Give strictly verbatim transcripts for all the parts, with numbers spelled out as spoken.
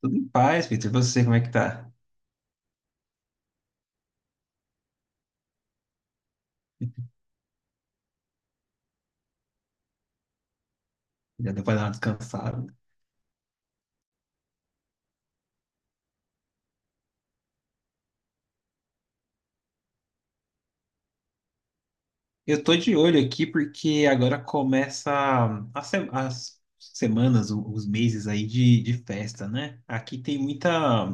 Tudo em paz, Peter. E você, como é que tá? Já deu pra dar uma descansada. Eu tô de olho aqui porque agora começa a se- as semanas, o- os meses aí de, de festa, né? Aqui tem muita,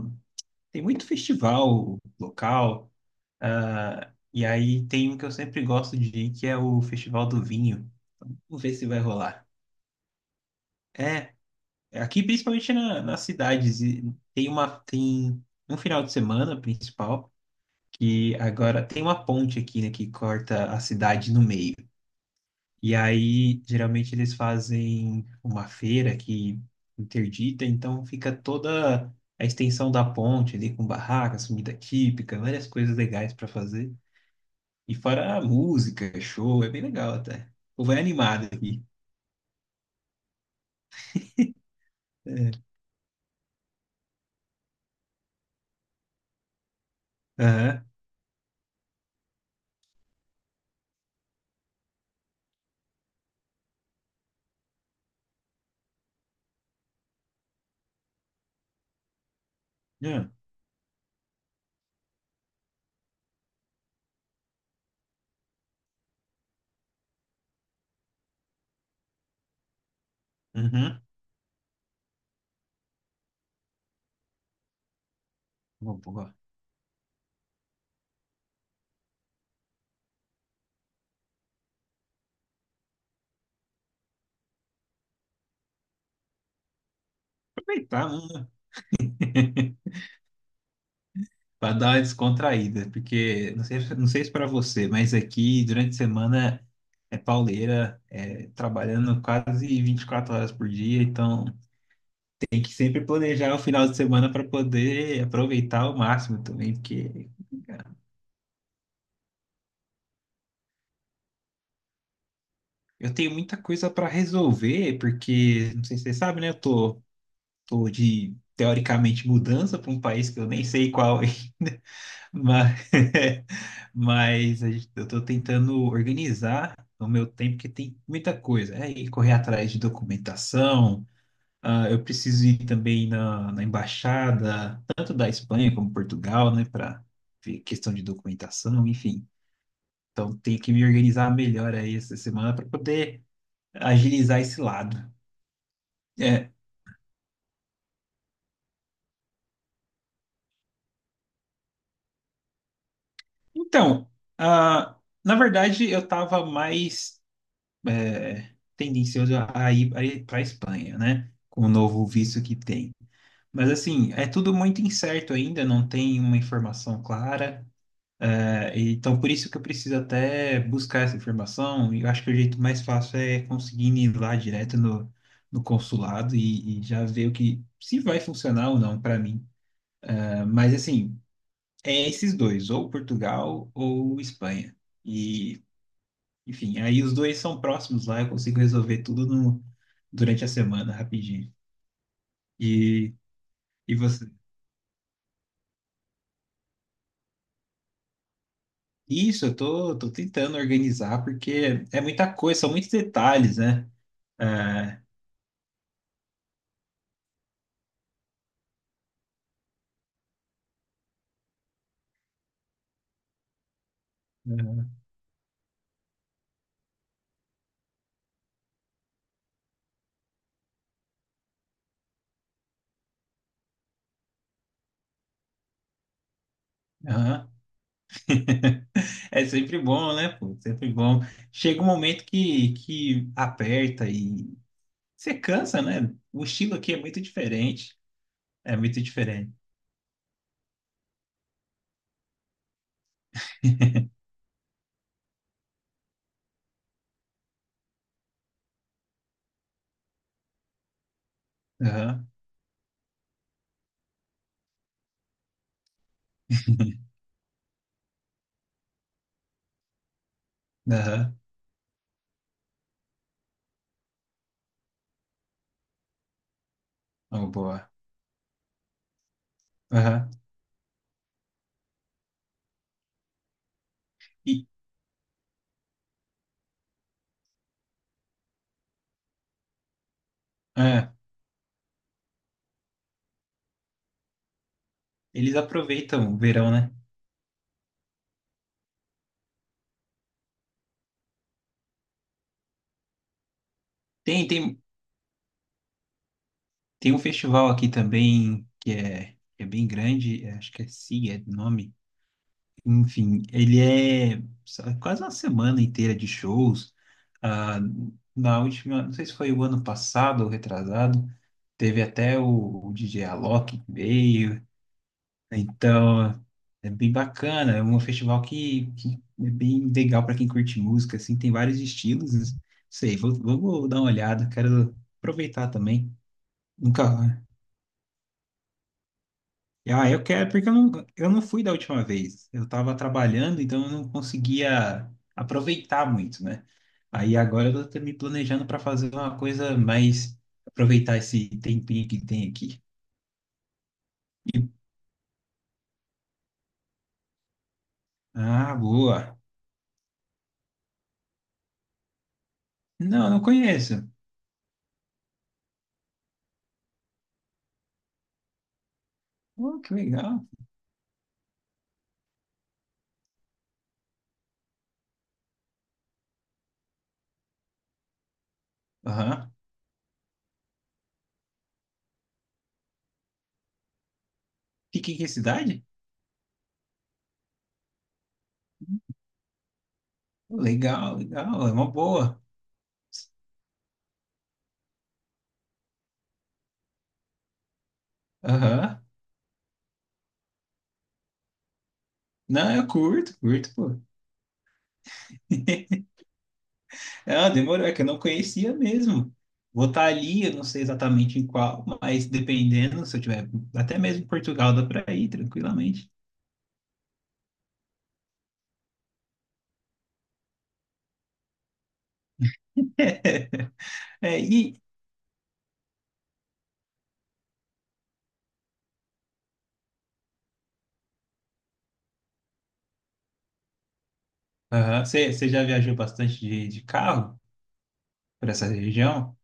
tem muito festival local, ah, e aí tem um que eu sempre gosto de ir, que é o Festival do Vinho. Vamos ver se vai rolar. É, aqui principalmente na, nas cidades, e tem uma, tem um final de semana principal que agora tem uma ponte aqui, né, que corta a cidade no meio. E aí, geralmente, eles fazem uma feira que interdita, então fica toda a extensão da ponte ali com barracas, comida típica, várias coisas legais para fazer. E fora a música, show, é bem legal até. O povo é animado aqui. É. Aham. Uhum. Uhum. Vou vou aproveitar, né? Para dar uma descontraída, porque não sei, não sei se para você, mas aqui durante a semana é pauleira, é, trabalhando quase vinte e quatro horas por dia, então tem que sempre planejar o final de semana para poder aproveitar ao máximo também, porque eu tenho muita coisa para resolver, porque não sei se você sabe, né? Eu tô, tô de teoricamente mudança para um país que eu nem sei qual ainda. Mas, mas a gente- eu estou tentando organizar o meu tempo, porque tem muita coisa. É ir correr atrás de documentação, ah, eu preciso ir também na, na embaixada, tanto da Espanha como Portugal, né, para ver questão de documentação, enfim. Então, tenho que me organizar melhor aí essa semana para poder agilizar esse lado. É, então, ah, na verdade, eu estava mais, é, tendencioso a ir para a Espanha, né? Com o novo visto que tem. Mas, assim, é tudo muito incerto ainda, não tem uma informação clara. É, então, por isso que eu preciso até buscar essa informação. E eu acho que o jeito mais fácil é conseguir ir lá direto no, no consulado e, e já ver o que se vai funcionar ou não para mim. É, mas, assim, é esses dois, ou Portugal ou Espanha. E enfim, aí os dois são próximos lá, eu consigo resolver tudo no, durante a semana, rapidinho. E, e você? Isso, eu tô, tô tentando organizar, porque é muita coisa, são muitos detalhes, né? É, é, aham. É sempre bom, né, pô? Sempre bom. Chega um momento que, que aperta e você cansa, né? O estilo aqui é muito diferente. É muito diferente. Aham, aham. Oh, boa. Aham. E ah, eles aproveitam o verão, né? Tem, tem, Tem um festival aqui também que é, que é bem grande, é, acho que é SIG, é o nome. Enfim, ele é sa- quase uma semana inteira de shows. Ah, Na última, não sei se foi o ano passado ou retrasado, teve até o, o D J Alok que veio. Então, é bem bacana. É um festival que, que é bem legal para quem curte música, assim, tem vários estilos. Não sei, vou, vou vou dar uma olhada, quero aproveitar também. Nunca. Ah, eu quero, porque eu não, eu não fui da última vez. Eu estava trabalhando, então eu não conseguia aproveitar muito, né? Aí agora eu estou me planejando para fazer uma coisa mais. Aproveitar esse tempinho que tem aqui. E- ah, boa. Não, não conheço. Oh, que legal. Aham. Fica em que cidade? Oh, legal, legal. É uma boa. Aham. Não, eu curto, curto, pô. Ah, demorou, é que eu não conhecia mesmo. Vou estar ali, eu não sei exatamente em qual, mas dependendo, se eu tiver até mesmo em Portugal, dá para ir tranquilamente. É, e aham, você você já viajou bastante de, de carro por essa região?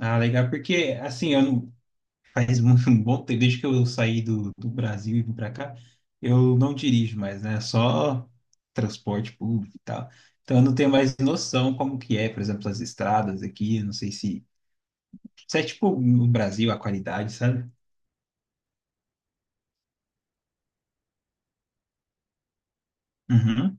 Ah, legal, porque assim, eu não, faz muito um bom tempo, desde que eu saí do, do Brasil e vim para cá, eu não dirijo mais, né? Só transporte público e tal. Então eu não tenho mais noção como que é, por exemplo, as estradas aqui, eu não sei se isso é tipo no Brasil, a qualidade, sabe? Uhum.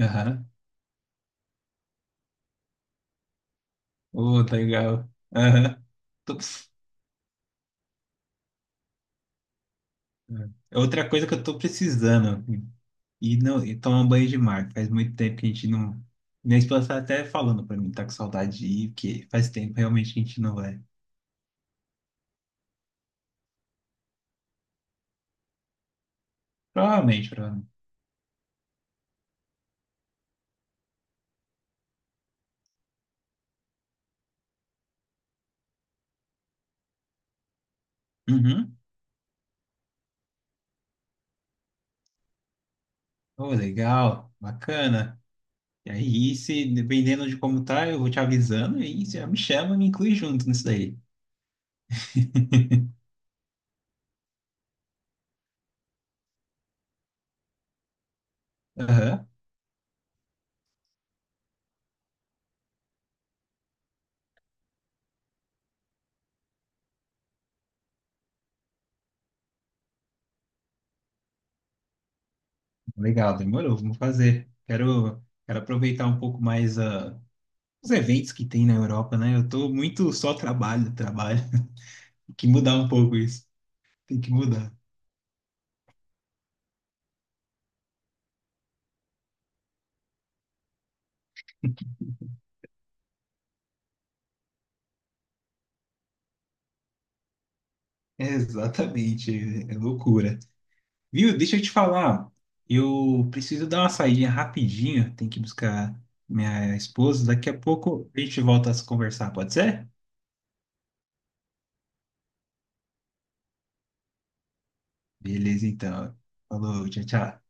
Aham. Oh, tá legal. Aham. Tô- É outra coisa que eu tô precisando, assim. E não, e tomar um banho de mar. Faz muito tempo que a gente não. Minha esposa tá até falando pra mim, tá com saudade de ir, porque faz tempo realmente que a gente não vai. Provavelmente, provavelmente. Uhum. Oh, legal, bacana. E aí, se dependendo de como tá, eu vou te avisando e aí você já me chama e me inclui junto nisso daí. Aham. Legal, demorou, vamos fazer. Quero, quero aproveitar um pouco mais, ah, os eventos que tem na Europa, né? Eu tô muito só trabalho, trabalho. Tem que mudar um pouco isso. Tem que mudar. É, exatamente, é, é loucura. Viu? Deixa eu te falar. Eu preciso dar uma saída rapidinho. Tem que buscar minha esposa. Daqui a pouco a gente volta a se conversar, pode ser? Beleza, então. Falou, tchau, tchau.